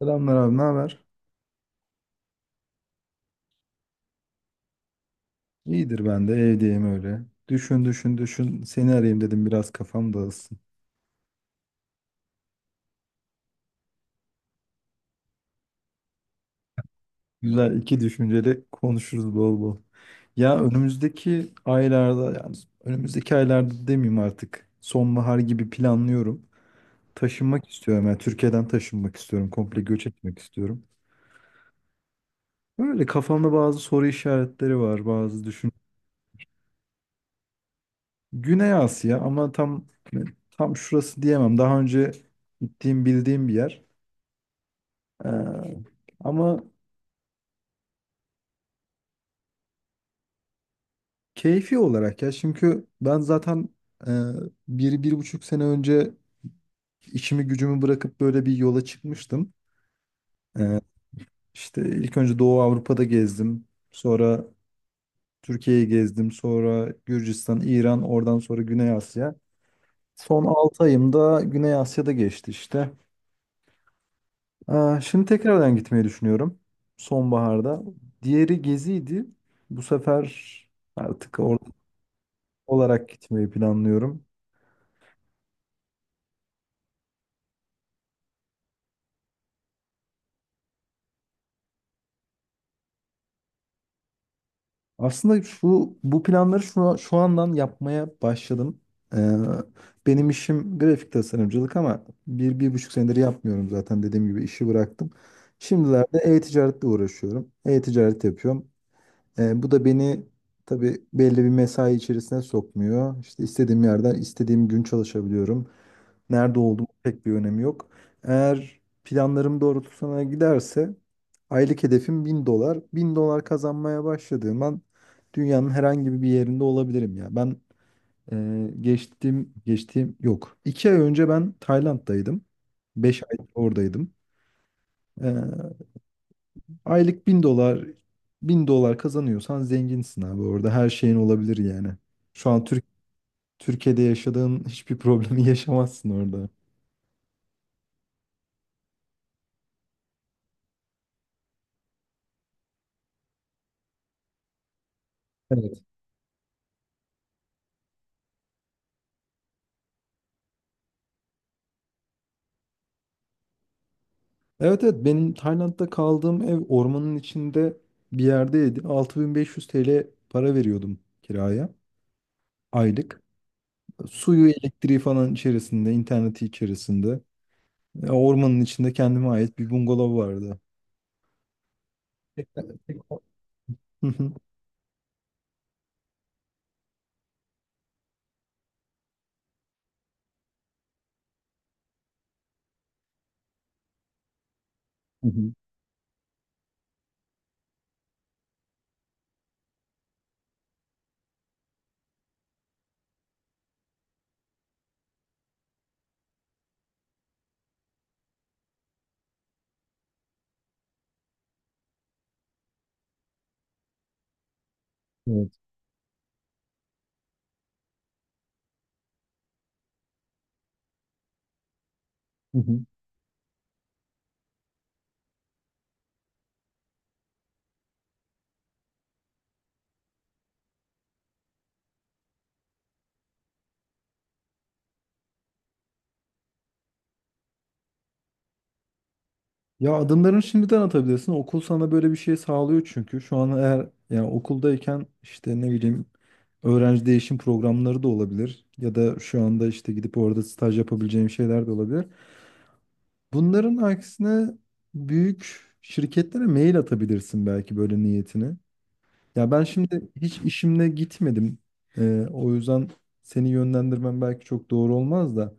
Selamlar abi, ne haber? İyidir ben de evdeyim öyle. Düşün düşün düşün seni arayayım dedim biraz kafam dağılsın. Güzel iki düşünceli konuşuruz bol bol. Ya önümüzdeki aylarda yani önümüzdeki aylarda demeyeyim artık sonbahar gibi planlıyorum. Taşınmak istiyorum yani Türkiye'den taşınmak istiyorum. Komple göç etmek istiyorum. Böyle kafamda bazı soru işaretleri var bazı düşün. Güney Asya ama tam şurası diyemem. Daha önce gittiğim bildiğim bir yer. Ee, ama keyfi olarak ya çünkü ben zaten e, 1, 1,5 sene önce işimi gücümü bırakıp böyle bir yola çıkmıştım. Ee, işte ilk önce Doğu Avrupa'da gezdim. Sonra Türkiye'yi gezdim. Sonra Gürcistan, İran, oradan sonra Güney Asya. Son 6 ayım da Güney Asya'da geçti işte. Şimdi tekrardan gitmeyi düşünüyorum. Sonbaharda. Diğeri geziydi. Bu sefer artık orada olarak gitmeyi planlıyorum. Aslında şu bu planları şu andan yapmaya başladım. Ee, Benim işim grafik tasarımcılık ama 1, 1,5 senedir yapmıyorum zaten dediğim gibi işi bıraktım. Şimdilerde e-ticaretle uğraşıyorum. E-ticaret yapıyorum. Bu da beni tabii belli bir mesai içerisine sokmuyor. İşte istediğim yerden istediğim gün çalışabiliyorum. Nerede olduğumun pek bir önemi yok. Eğer planlarım doğrultusuna giderse aylık hedefim 1.000 dolar. 1.000 dolar kazanmaya başladığım an dünyanın herhangi bir yerinde olabilirim ya. Ben geçtiğim yok. 2 ay önce ben Tayland'daydım. 5 ay oradaydım. E, Aylık 1.000 dolar 1.000 dolar kazanıyorsan zenginsin abi orada her şeyin olabilir yani. Şu an Türkiye'de yaşadığın hiçbir problemi yaşamazsın orada. Evet. Evet evet benim Tayland'da kaldığım ev ormanın içinde bir yerdeydi. 6.500 TL para veriyordum kiraya aylık. Suyu, elektriği falan içerisinde, interneti içerisinde. Ormanın içinde kendime ait bir bungalov vardı. Tek- tek- Hı hı. Hı hı. Evet. Hı hı. Ya adımlarını şimdiden atabilirsin. Okul sana böyle bir şey sağlıyor çünkü. Şu an eğer yani okuldayken işte ne bileyim öğrenci değişim programları da olabilir. Ya da şu anda işte gidip orada staj yapabileceğim şeyler de olabilir. Bunların aksine büyük şirketlere mail atabilirsin belki böyle niyetini. Ya ben şimdi hiç işimle gitmedim. O yüzden seni yönlendirmem belki çok doğru olmaz da.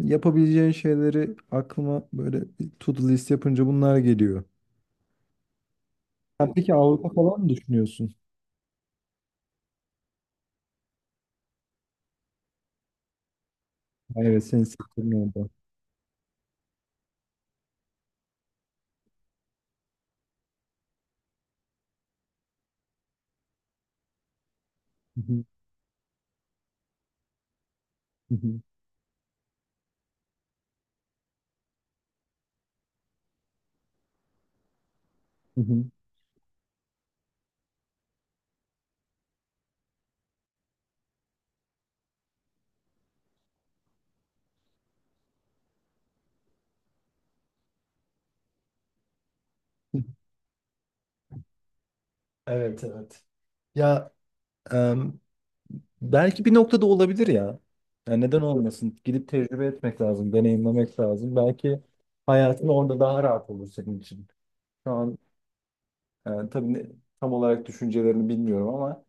Yapabileceğin şeyleri aklıma böyle bir to-do list yapınca bunlar geliyor. Sen peki Avrupa falan mı düşünüyorsun? Ha, evet, senin sektörün orada. Hı hı, hı hı, hı hı. Evet evet. Ya e, belki bir noktada olabilir ya. Yani neden olmasın? Gidip tecrübe etmek lazım, deneyimlemek lazım. Belki hayatın orada daha rahat olur senin için. Şu an tabii tam olarak düşüncelerini bilmiyorum ama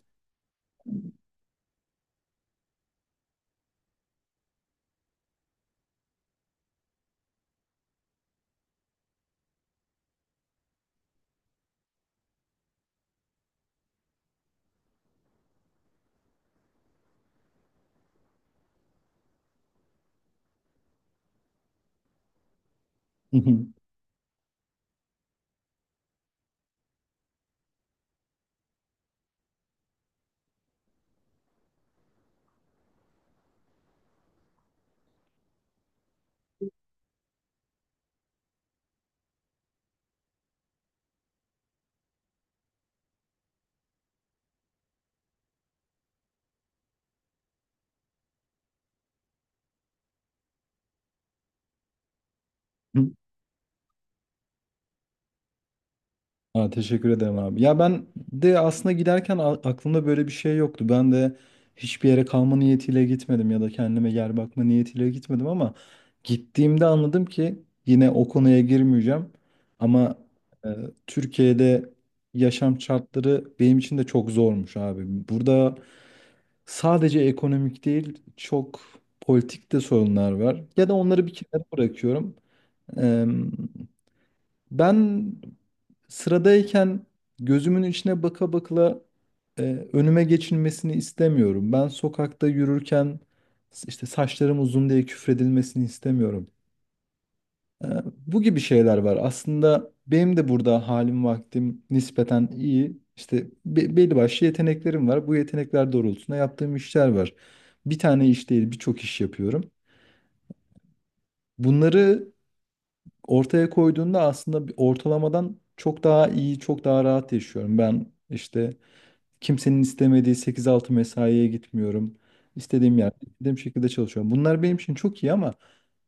ha, teşekkür ederim abi. Ya ben de aslında giderken aklımda böyle bir şey yoktu. Ben de hiçbir yere kalma niyetiyle gitmedim ya da kendime yer bakma niyetiyle gitmedim ama gittiğimde anladım ki yine o konuya girmeyeceğim. Ama e, Türkiye'de yaşam şartları benim için de çok zormuş abi. Burada sadece ekonomik değil çok politik de sorunlar var. Ya da onları bir kenara bırakıyorum. Ben sıradayken gözümün içine baka bakla e, önüme geçilmesini istemiyorum. Ben sokakta yürürken işte saçlarım uzun diye küfredilmesini istemiyorum. E, Bu gibi şeyler var. Aslında benim de burada halim vaktim nispeten iyi. İşte belli başlı yeteneklerim var. Bu yetenekler doğrultusunda yaptığım işler var. Bir tane iş değil, birçok iş yapıyorum. Bunları ortaya koyduğunda aslında bir ortalamadan çok daha iyi, çok daha rahat yaşıyorum. Ben işte kimsenin istemediği 8-6 mesaiye gitmiyorum. İstediğim yerde, istediğim şekilde çalışıyorum. Bunlar benim için çok iyi ama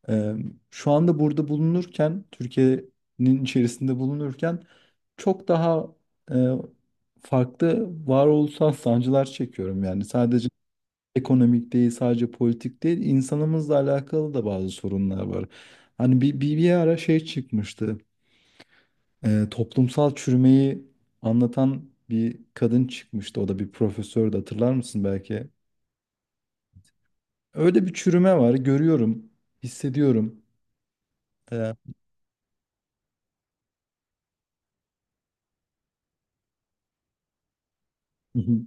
e, şu anda burada bulunurken, Türkiye'nin içerisinde bulunurken çok daha e, farklı varoluşsal sancılar çekiyorum. Yani sadece ekonomik değil, sadece politik değil, insanımızla alakalı da bazı sorunlar var. Hani bir ara şey çıkmıştı, toplumsal çürümeyi anlatan bir kadın çıkmıştı. O da bir profesördü, hatırlar mısın belki? Öyle bir çürüme var, görüyorum, hissediyorum. E, Hı hı.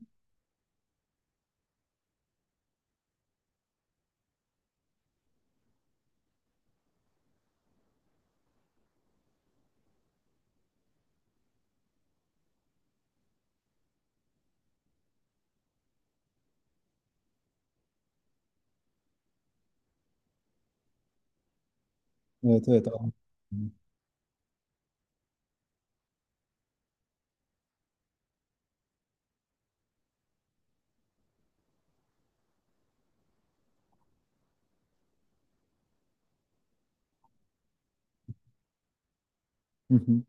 Evet evet. Anladım. Hı hı.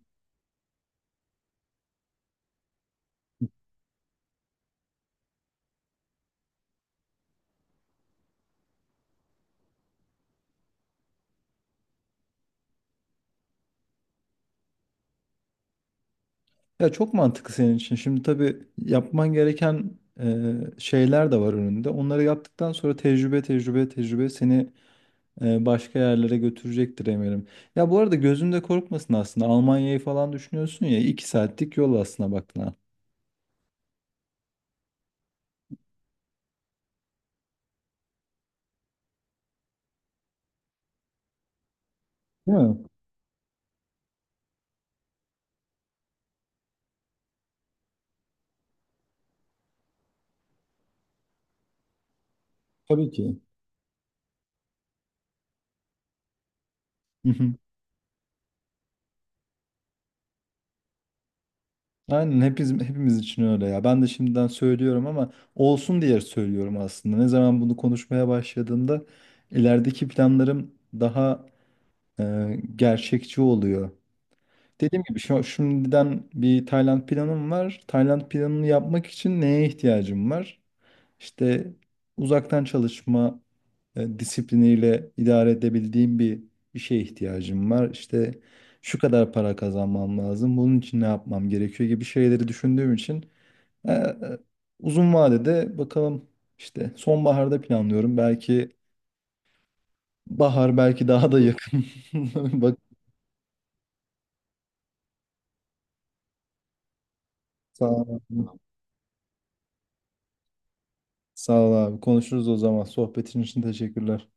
Ya çok mantıklı senin için. Şimdi tabii yapman gereken şeyler de var önünde. Onları yaptıktan sonra tecrübe, tecrübe, tecrübe seni başka yerlere götürecektir eminim. Ya bu arada gözünde korkmasın aslında. Almanya'yı falan düşünüyorsun ya. 2 saatlik yol aslında baktığına. Değil mi? Tabii ki. Hı hı. Aynen hepimiz için öyle ya. Ben de şimdiden söylüyorum ama olsun diye söylüyorum aslında. Ne zaman bunu konuşmaya başladığımda ilerideki planlarım daha gerçekçi oluyor. Dediğim gibi şimdiden bir Tayland planım var. Tayland planını yapmak için neye ihtiyacım var? İşte uzaktan çalışma disipliniyle idare edebildiğim bir işe ihtiyacım var. İşte şu kadar para kazanmam lazım. Bunun için ne yapmam gerekiyor gibi şeyleri düşündüğüm için e, e, uzun vadede bakalım işte sonbaharda planlıyorum. Belki bahar belki daha da yakın. Bak sağ ol abi. Sağ ol abi. Konuşuruz o zaman. Sohbetin için teşekkürler.